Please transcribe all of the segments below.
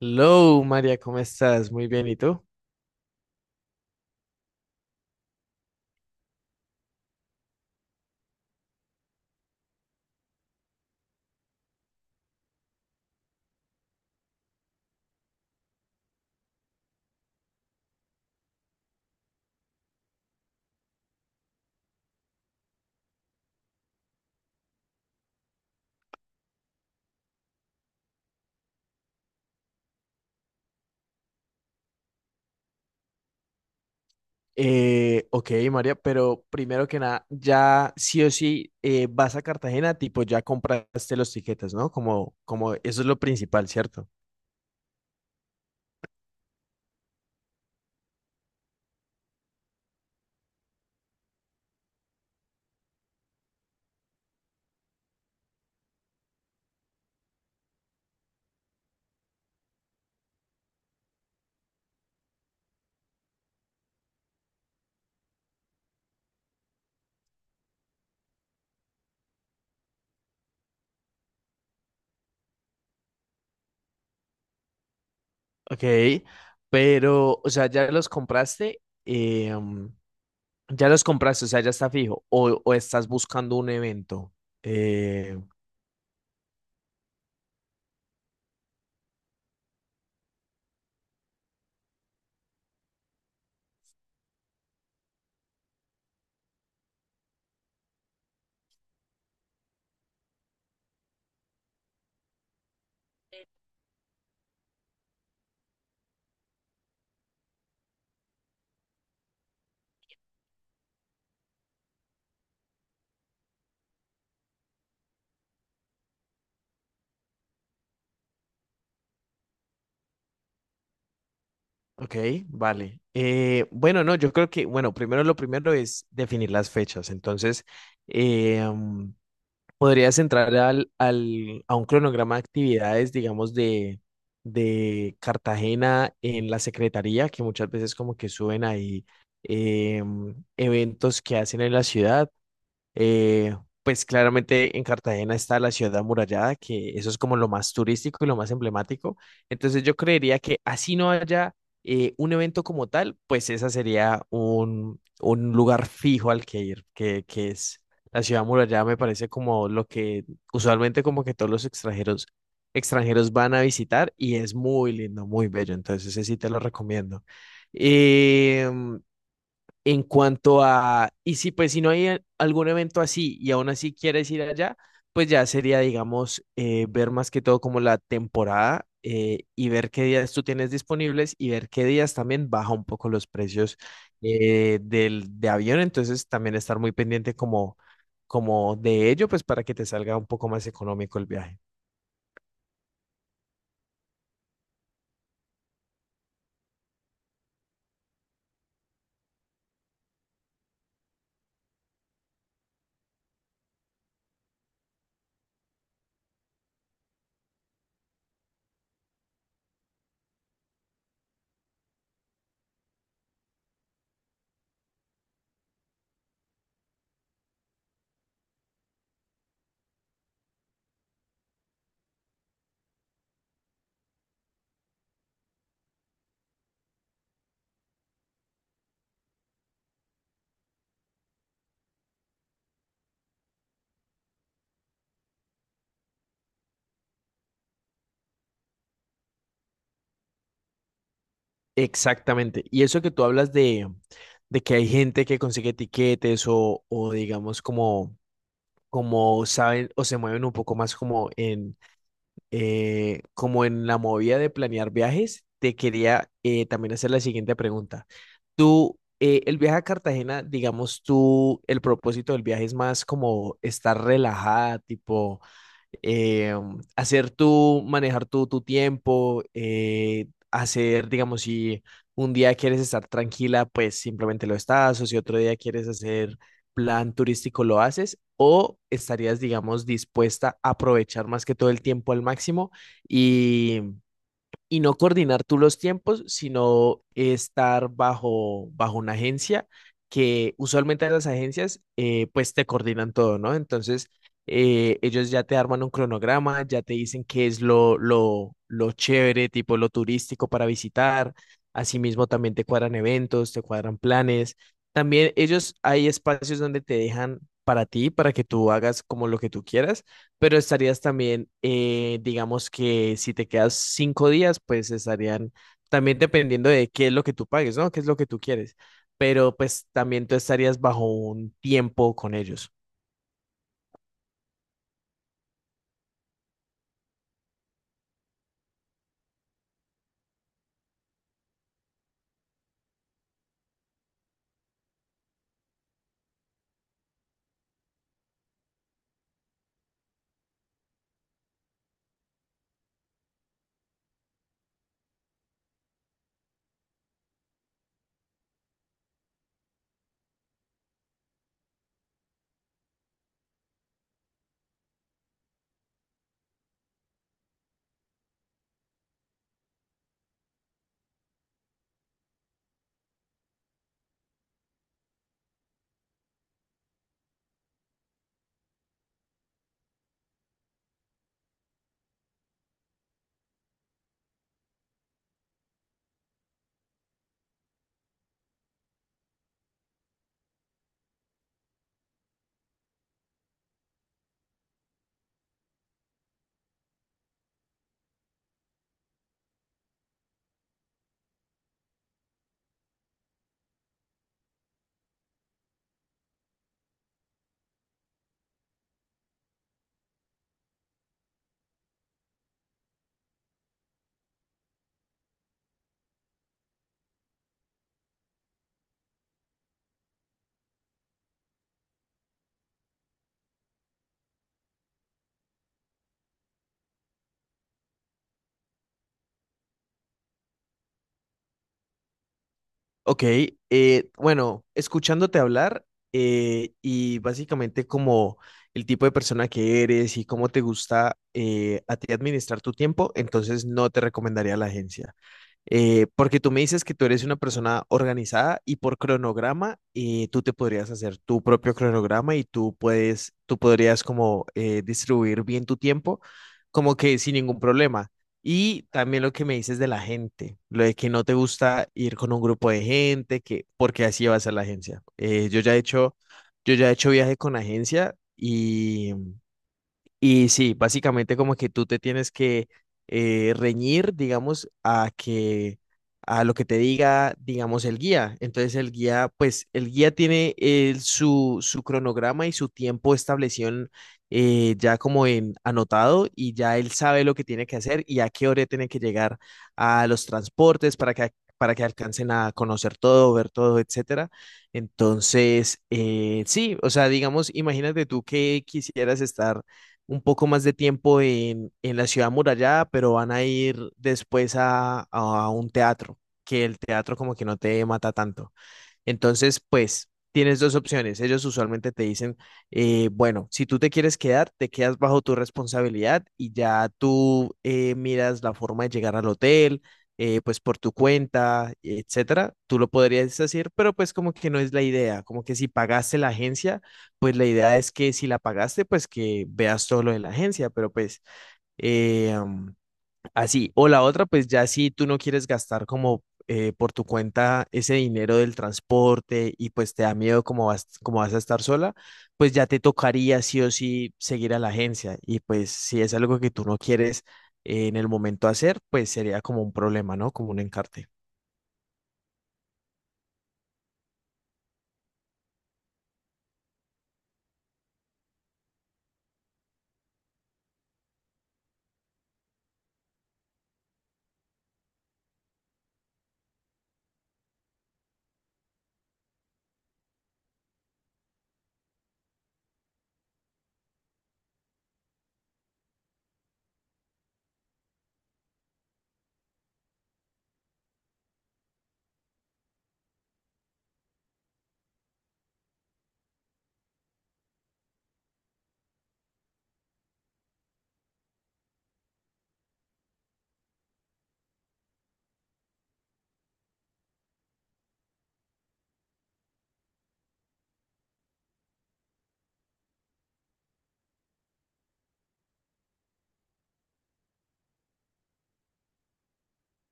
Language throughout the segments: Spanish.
Hello, María, ¿cómo estás? Muy bien, ¿y tú? Ok, María, pero primero que nada, ya sí o sí vas a Cartagena, tipo ya compraste los tiquetes, ¿no? Como eso es lo principal, ¿cierto? Ok, pero, o sea, ya los compraste, ya los compraste, o sea, ya está fijo, o estás buscando un evento. Eh, ok, vale. Bueno, no, yo creo que, bueno, primero lo primero es definir las fechas, entonces. em, Podrías entrar a un cronograma de actividades, digamos, de Cartagena en la Secretaría, que muchas veces como que suben ahí eventos que hacen en la ciudad. Eh, pues claramente en Cartagena está la ciudad amurallada, que eso es como lo más turístico y lo más emblemático. Entonces yo creería que así no haya un evento como tal, pues esa sería un lugar fijo al que ir, que es la ciudad amurallada, me parece como lo que usualmente como que todos los extranjeros van a visitar y es muy lindo, muy bello. Entonces ese sí te lo recomiendo. Em, en cuanto a, y si pues si no hay algún evento así y aún así quieres ir allá, pues ya sería, digamos, ver más que todo como la temporada y ver qué días tú tienes disponibles y ver qué días también baja un poco los precios de avión. Entonces también estar muy pendiente como de ello, pues para que te salga un poco más económico el viaje. Exactamente. Y eso que tú hablas de que hay gente que consigue tiquetes, o digamos como saben o se mueven un poco más como en, la movida de planear viajes, te quería también hacer la siguiente pregunta. El viaje a Cartagena, digamos tú, el propósito del viaje es más como estar relajada, tipo eh, hacer tú, manejar tú tu tiempo, hacer, digamos, si un día quieres estar tranquila, pues simplemente lo estás, o si otro día quieres hacer plan turístico, lo haces, o estarías, digamos, dispuesta a aprovechar más que todo el tiempo al máximo y no coordinar tú los tiempos, sino estar bajo una agencia, que usualmente las agencias pues te coordinan todo, ¿no? Entonces ellos ya te arman un cronograma, ya te dicen qué es lo chévere, tipo lo turístico para visitar. Asimismo también te cuadran eventos, te cuadran planes. También ellos hay espacios donde te dejan para ti, para que tú hagas como lo que tú quieras. Pero estarías también, digamos que si te quedas 5 días, pues estarían también dependiendo de qué es lo que tú pagues, ¿no? ¿Qué es lo que tú quieres? Pero pues también tú estarías bajo un tiempo con ellos. Ok, bueno, escuchándote hablar y básicamente como el tipo de persona que eres y cómo te gusta a ti administrar tu tiempo, entonces no te recomendaría la agencia. Porque tú me dices que tú eres una persona organizada y por cronograma tú te podrías hacer tu propio cronograma y tú podrías como distribuir bien tu tiempo como que sin ningún problema. Y también lo que me dices de la gente, lo de que no te gusta ir con un grupo de gente, que porque así va a ser la agencia. Yo ya he hecho viaje con agencia y sí, básicamente como que tú te tienes que reñir, digamos, a lo que te diga, digamos, el guía. Entonces el guía, pues el guía tiene su cronograma y su tiempo establecido ya como en anotado y ya él sabe lo que tiene que hacer y a qué hora tiene que llegar a los transportes para que alcancen a conocer todo, ver todo, etcétera. Entonces, sí, o sea, digamos, imagínate tú que quisieras estar un poco más de tiempo en la ciudad amurallada, pero van a ir después a un teatro, que el teatro como que no te mata tanto. Entonces, pues tienes dos opciones. Ellos usualmente te dicen, bueno, si tú te quieres quedar, te quedas bajo tu responsabilidad y ya tú miras la forma de llegar al hotel, pues por tu cuenta, etcétera. Tú lo podrías decir, pero pues como que no es la idea. Como que si pagaste la agencia, pues la idea es que si la pagaste, pues que veas todo lo de la agencia, pero pues. eh, mm, Así, o la otra, pues ya si tú no quieres gastar como por tu cuenta ese dinero del transporte, y pues te da miedo como vas a estar sola, pues ya te tocaría sí o sí seguir a la agencia. Y pues si es algo que tú no quieres en el momento hacer, pues sería como un problema, ¿no? Como un encarte.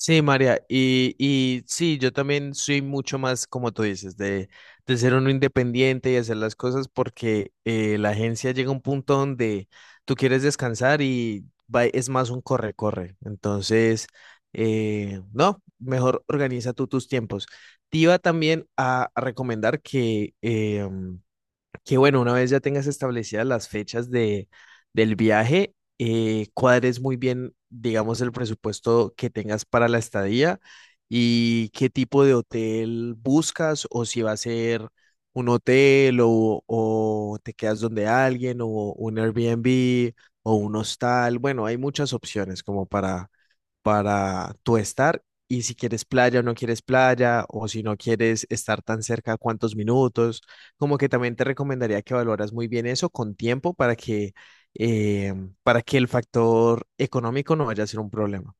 Sí, María, y sí, yo también soy mucho más, como tú dices, de ser uno independiente y hacer las cosas porque la agencia llega a un punto donde tú quieres descansar y es más un corre-corre. Entonces, no, mejor organiza tú tus tiempos. Te iba también a recomendar que que bueno, una vez ya tengas establecidas las fechas del viaje, cuadres muy bien, digamos, el presupuesto que tengas para la estadía y qué tipo de hotel buscas o si va a ser un hotel, o te quedas donde alguien, o un Airbnb o un hostal. Bueno, hay muchas opciones como para tú estar, y si quieres playa o no quieres playa o si no quieres estar tan cerca, cuántos minutos. Como que también te recomendaría que valoras muy bien eso con tiempo eh, para que el factor económico no vaya a ser un problema.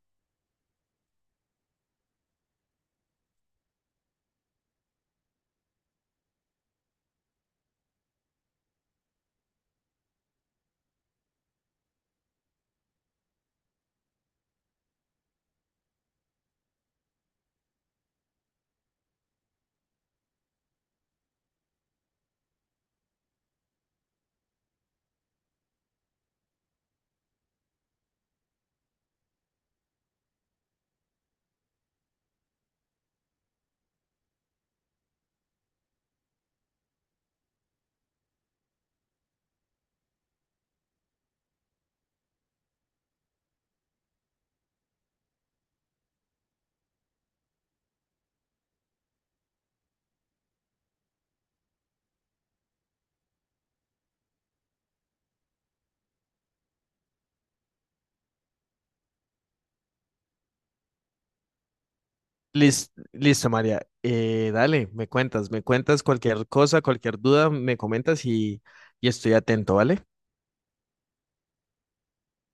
Listo, María. Dale, me cuentas cualquier cosa, cualquier duda, me comentas y, estoy atento, ¿vale?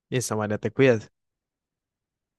Listo, María, te cuidas.